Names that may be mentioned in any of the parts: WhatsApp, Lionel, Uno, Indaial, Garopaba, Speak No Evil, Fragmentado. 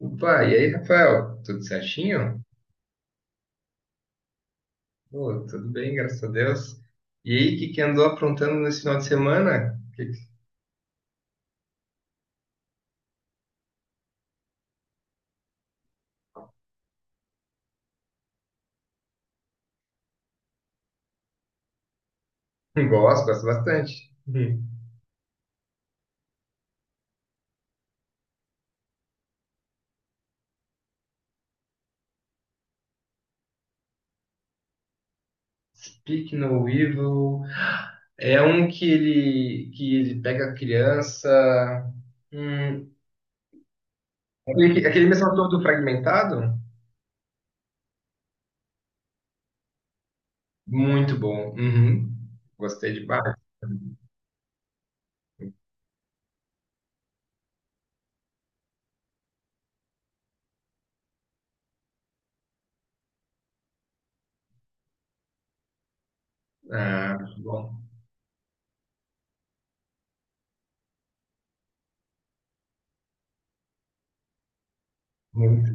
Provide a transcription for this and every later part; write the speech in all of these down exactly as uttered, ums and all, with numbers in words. Opa, e aí, Rafael? Tudo certinho? Pô, tudo bem, graças a Deus. E aí, o que que andou aprontando nesse final de semana? Que que- Gosto, gosto bastante. Hum. Speak No Evil é um que ele que ele pega a criança. Hum, aquele, aquele mesmo ator do Fragmentado? Muito bom. Uhum. Gostei demais. Ah, bom. Muito.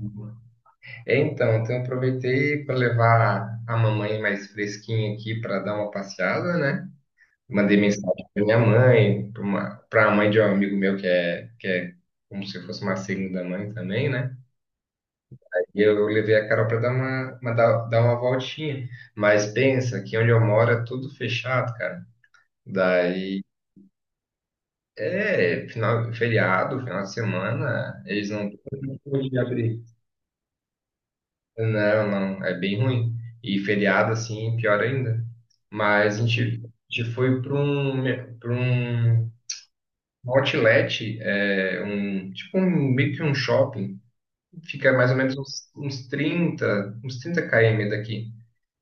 É, Então, então eu aproveitei para levar a mamãe mais fresquinha aqui para dar uma passeada, né? Mandei mensagem para minha mãe, para a mãe de um amigo meu que é, que é como se fosse uma segunda mãe também, né? E eu, eu levei a Carol para dar uma, uma- dar, dar uma voltinha. Mas pensa que onde eu moro é tudo fechado, cara. Daí é final, feriado, final de semana, eles não têm como de abrir. Não, não, é bem ruim. E feriado, assim, pior ainda. Mas a gente, a gente foi para um, para um outlet, é, um, tipo um, meio que um shopping. Fica mais ou menos uns, uns trinta, uns trinta km daqui.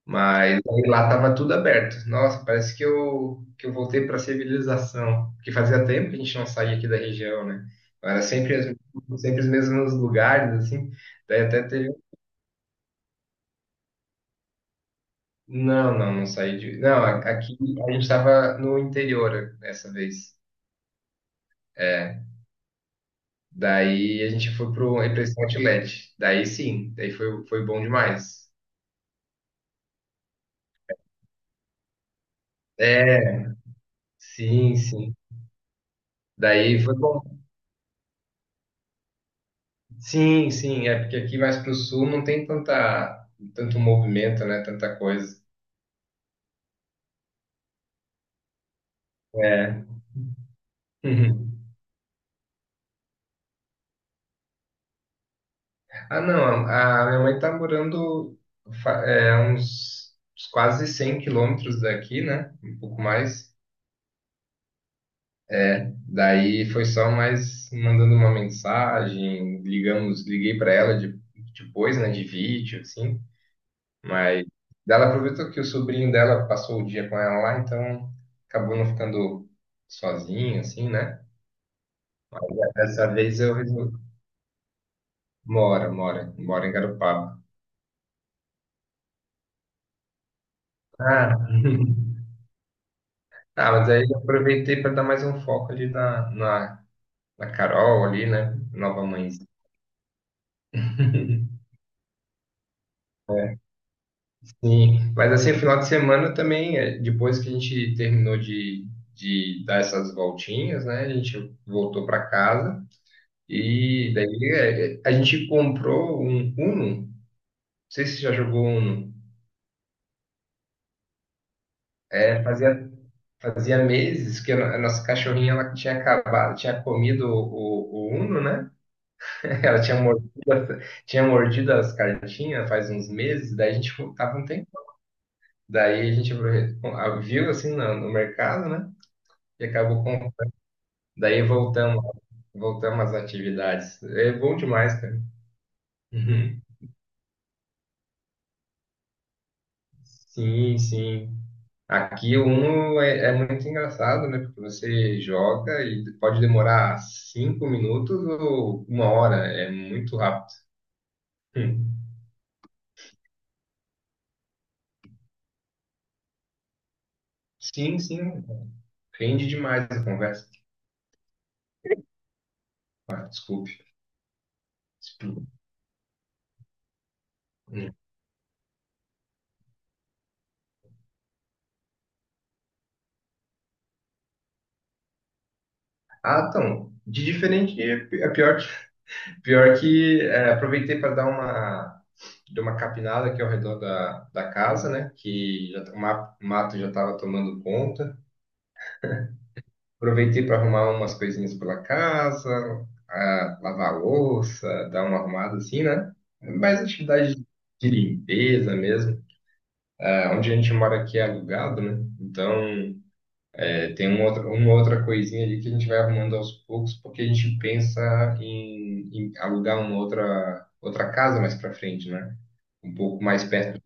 Mas aí lá tava tudo aberto. Nossa, parece que eu, que eu voltei para a civilização. Porque fazia tempo que a gente não saía aqui da região, né? Era sempre, as- sempre os mesmos lugares, assim. Daí até. Não, não, não saí de. Não, a- aqui a gente estava no interior dessa vez. É, daí a gente foi pro para esse outlet. Daí sim, daí foi, foi bom demais. É, sim, sim. Daí foi bom. Sim, sim, é porque aqui mais pro sul não tem tanta tanto movimento, né? Tanta coisa. É. Uhum. Ah, não, a a minha mãe tá morando fa- é, uns, uns quase cem quilômetros daqui, né? Um pouco mais. Daí foi só mais mandando uma mensagem, ligamos, liguei para ela de- depois, né, de vídeo, assim, mas ela aproveitou que o sobrinho dela passou o dia com ela lá, então acabou não ficando sozinho, assim, né? Dessa vez eu resolvi. Mora, mora, mora em Garopaba. Ah, ah, mas aí eu aproveitei para dar mais um foco ali na, na, na Carol ali, né? Nova mãe. Sim, mas assim, final de semana também, é, depois que a gente terminou de, de dar essas voltinhas, né? A gente voltou para casa e daí é, é, a gente comprou um Uno. Não sei se você já jogou Uno. É, fazia, fazia meses que a no- a nossa cachorrinha ela tinha acabado, tinha comido o, o Uno, né? Ela tinha mordido, as- tinha mordido as cartinhas faz uns meses, daí a gente fu- tava um tempo. Daí a gente aproveitou- viu assim no no mercado, né? E acabou. Daí voltamos, voltamos às atividades. É bom demais, cara. Uhum. Sim, sim. Aqui o Uno é, é muito engraçado, né? Porque você joga e pode demorar cinco minutos ou uma hora. É muito rápido. Hum. Sim, sim. Rende demais a conversa. Ah, desculpe. Expl- Hum. Ah, então, de diferente, é pi- é pior, pior que é, aproveitei para dar uma deu uma capinada aqui ao redor da, da casa, né? Que já, tá, o ma- mato já estava tomando conta. Aproveitei para arrumar umas coisinhas pela casa, ah, lavar a louça, dar uma arrumada assim, né? Mais atividade de limpeza mesmo. Ah, onde a gente mora aqui é alugado, né? Então, é, tem uma outra, uma outra coisinha ali que a gente vai arrumando aos poucos, porque a gente pensa em, em alugar uma outra, outra casa mais para frente, né? Um pouco mais perto,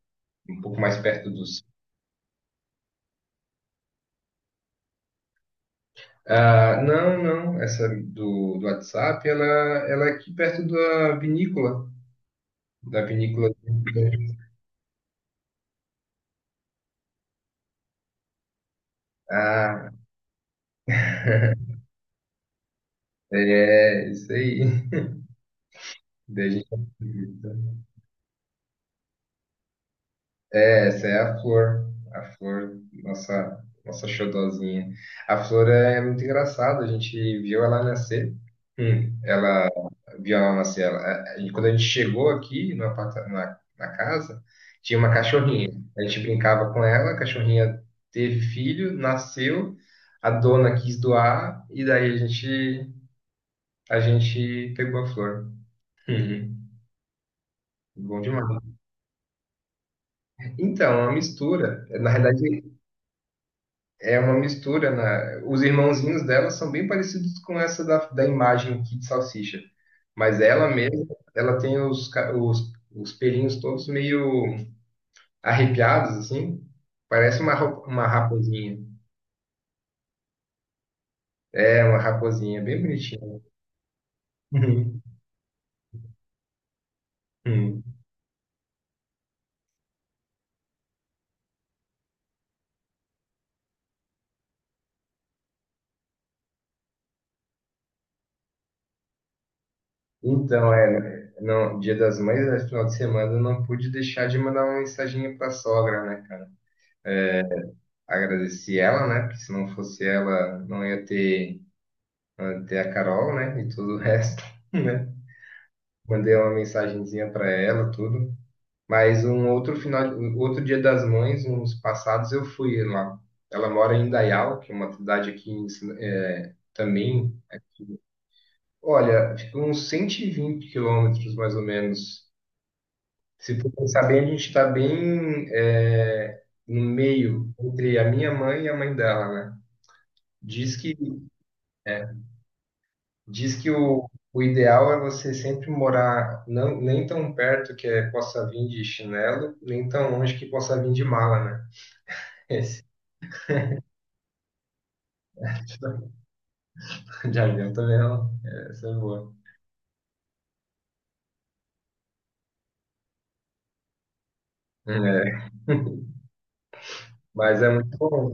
um pouco mais perto do. Ah, não, não, essa do, do WhatsApp, ela, ela é aqui perto da vinícola, da vinícola. Ah, é, isso aí. Daí a gente- É, essa é a flor, a flor, nossa, nossa xodozinha. A flor é muito engraçada, a gente viu ela nascer. Hum. Via lá na cela. A- a- E quando a gente chegou aqui no aparta- na, na casa, tinha uma cachorrinha. A gente brincava com ela, a cachorrinha teve filho, nasceu, a dona quis doar, e daí a gente, a gente pegou a flor. Uhum. Bom demais. Então, é uma mistura. Na realidade, é uma mistura. na- Os irmãozinhos dela são bem parecidos com essa da, da imagem aqui de salsicha. Mas ela mesma, ela tem os, ca- os, os pelinhos todos meio arrepiados, assim. Parece uma, ro- uma raposinha. É, uma raposinha, bem bonitinha. Uhum. Uhum. Então, é, não, Dia das Mães, é final de semana, eu não pude deixar de mandar uma mensaginha pra sogra, né, cara? É, agradeci ela, né? Porque se não fosse ela, não ia ter, não ia ter a Carol, né? E todo o resto, né? Mandei uma mensagenzinha pra ela, tudo. Mas um outro final, um outro Dia das Mães, uns passados, eu fui lá. Ela mora em Indaial, que é uma cidade aqui em Sina- é, também. Olha, fica uns cento e vinte quilômetros, mais ou menos. Se for pensar bem, a gente está bem é, no meio, entre a minha mãe e a mãe dela, né? Diz que, diz que o, o ideal é você sempre morar não, nem tão perto que é, possa vir de chinelo, nem tão longe que possa vir de mala, né? Jardim também não. É, essa é boa. É, mas é muito bom.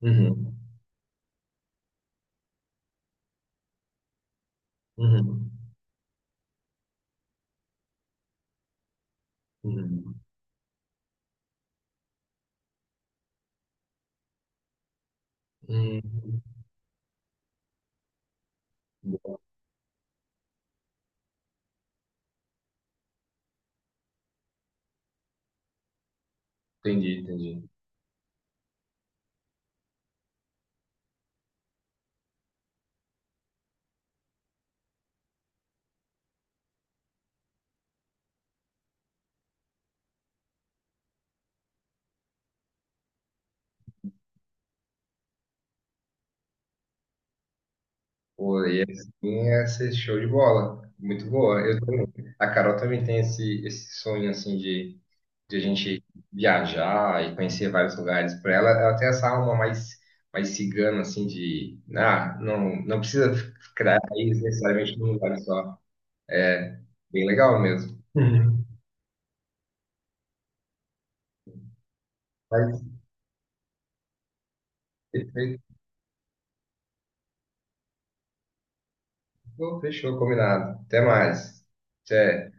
Uhum, uhum, uhum, uhum. Entendi, entendi. Pô, e assim é ser show de bola. Muito boa. Eu também. A Carol também tem esse, esse sonho assim de, de a gente viajar e conhecer vários lugares. Para ela, ela tem essa alma mais, mais cigana, assim, de ah, não, não precisa ficar aí necessariamente num lugar só. É bem legal mesmo. Uhum. Mas, perfeito. Fechou, combinado. Até mais. Tchau.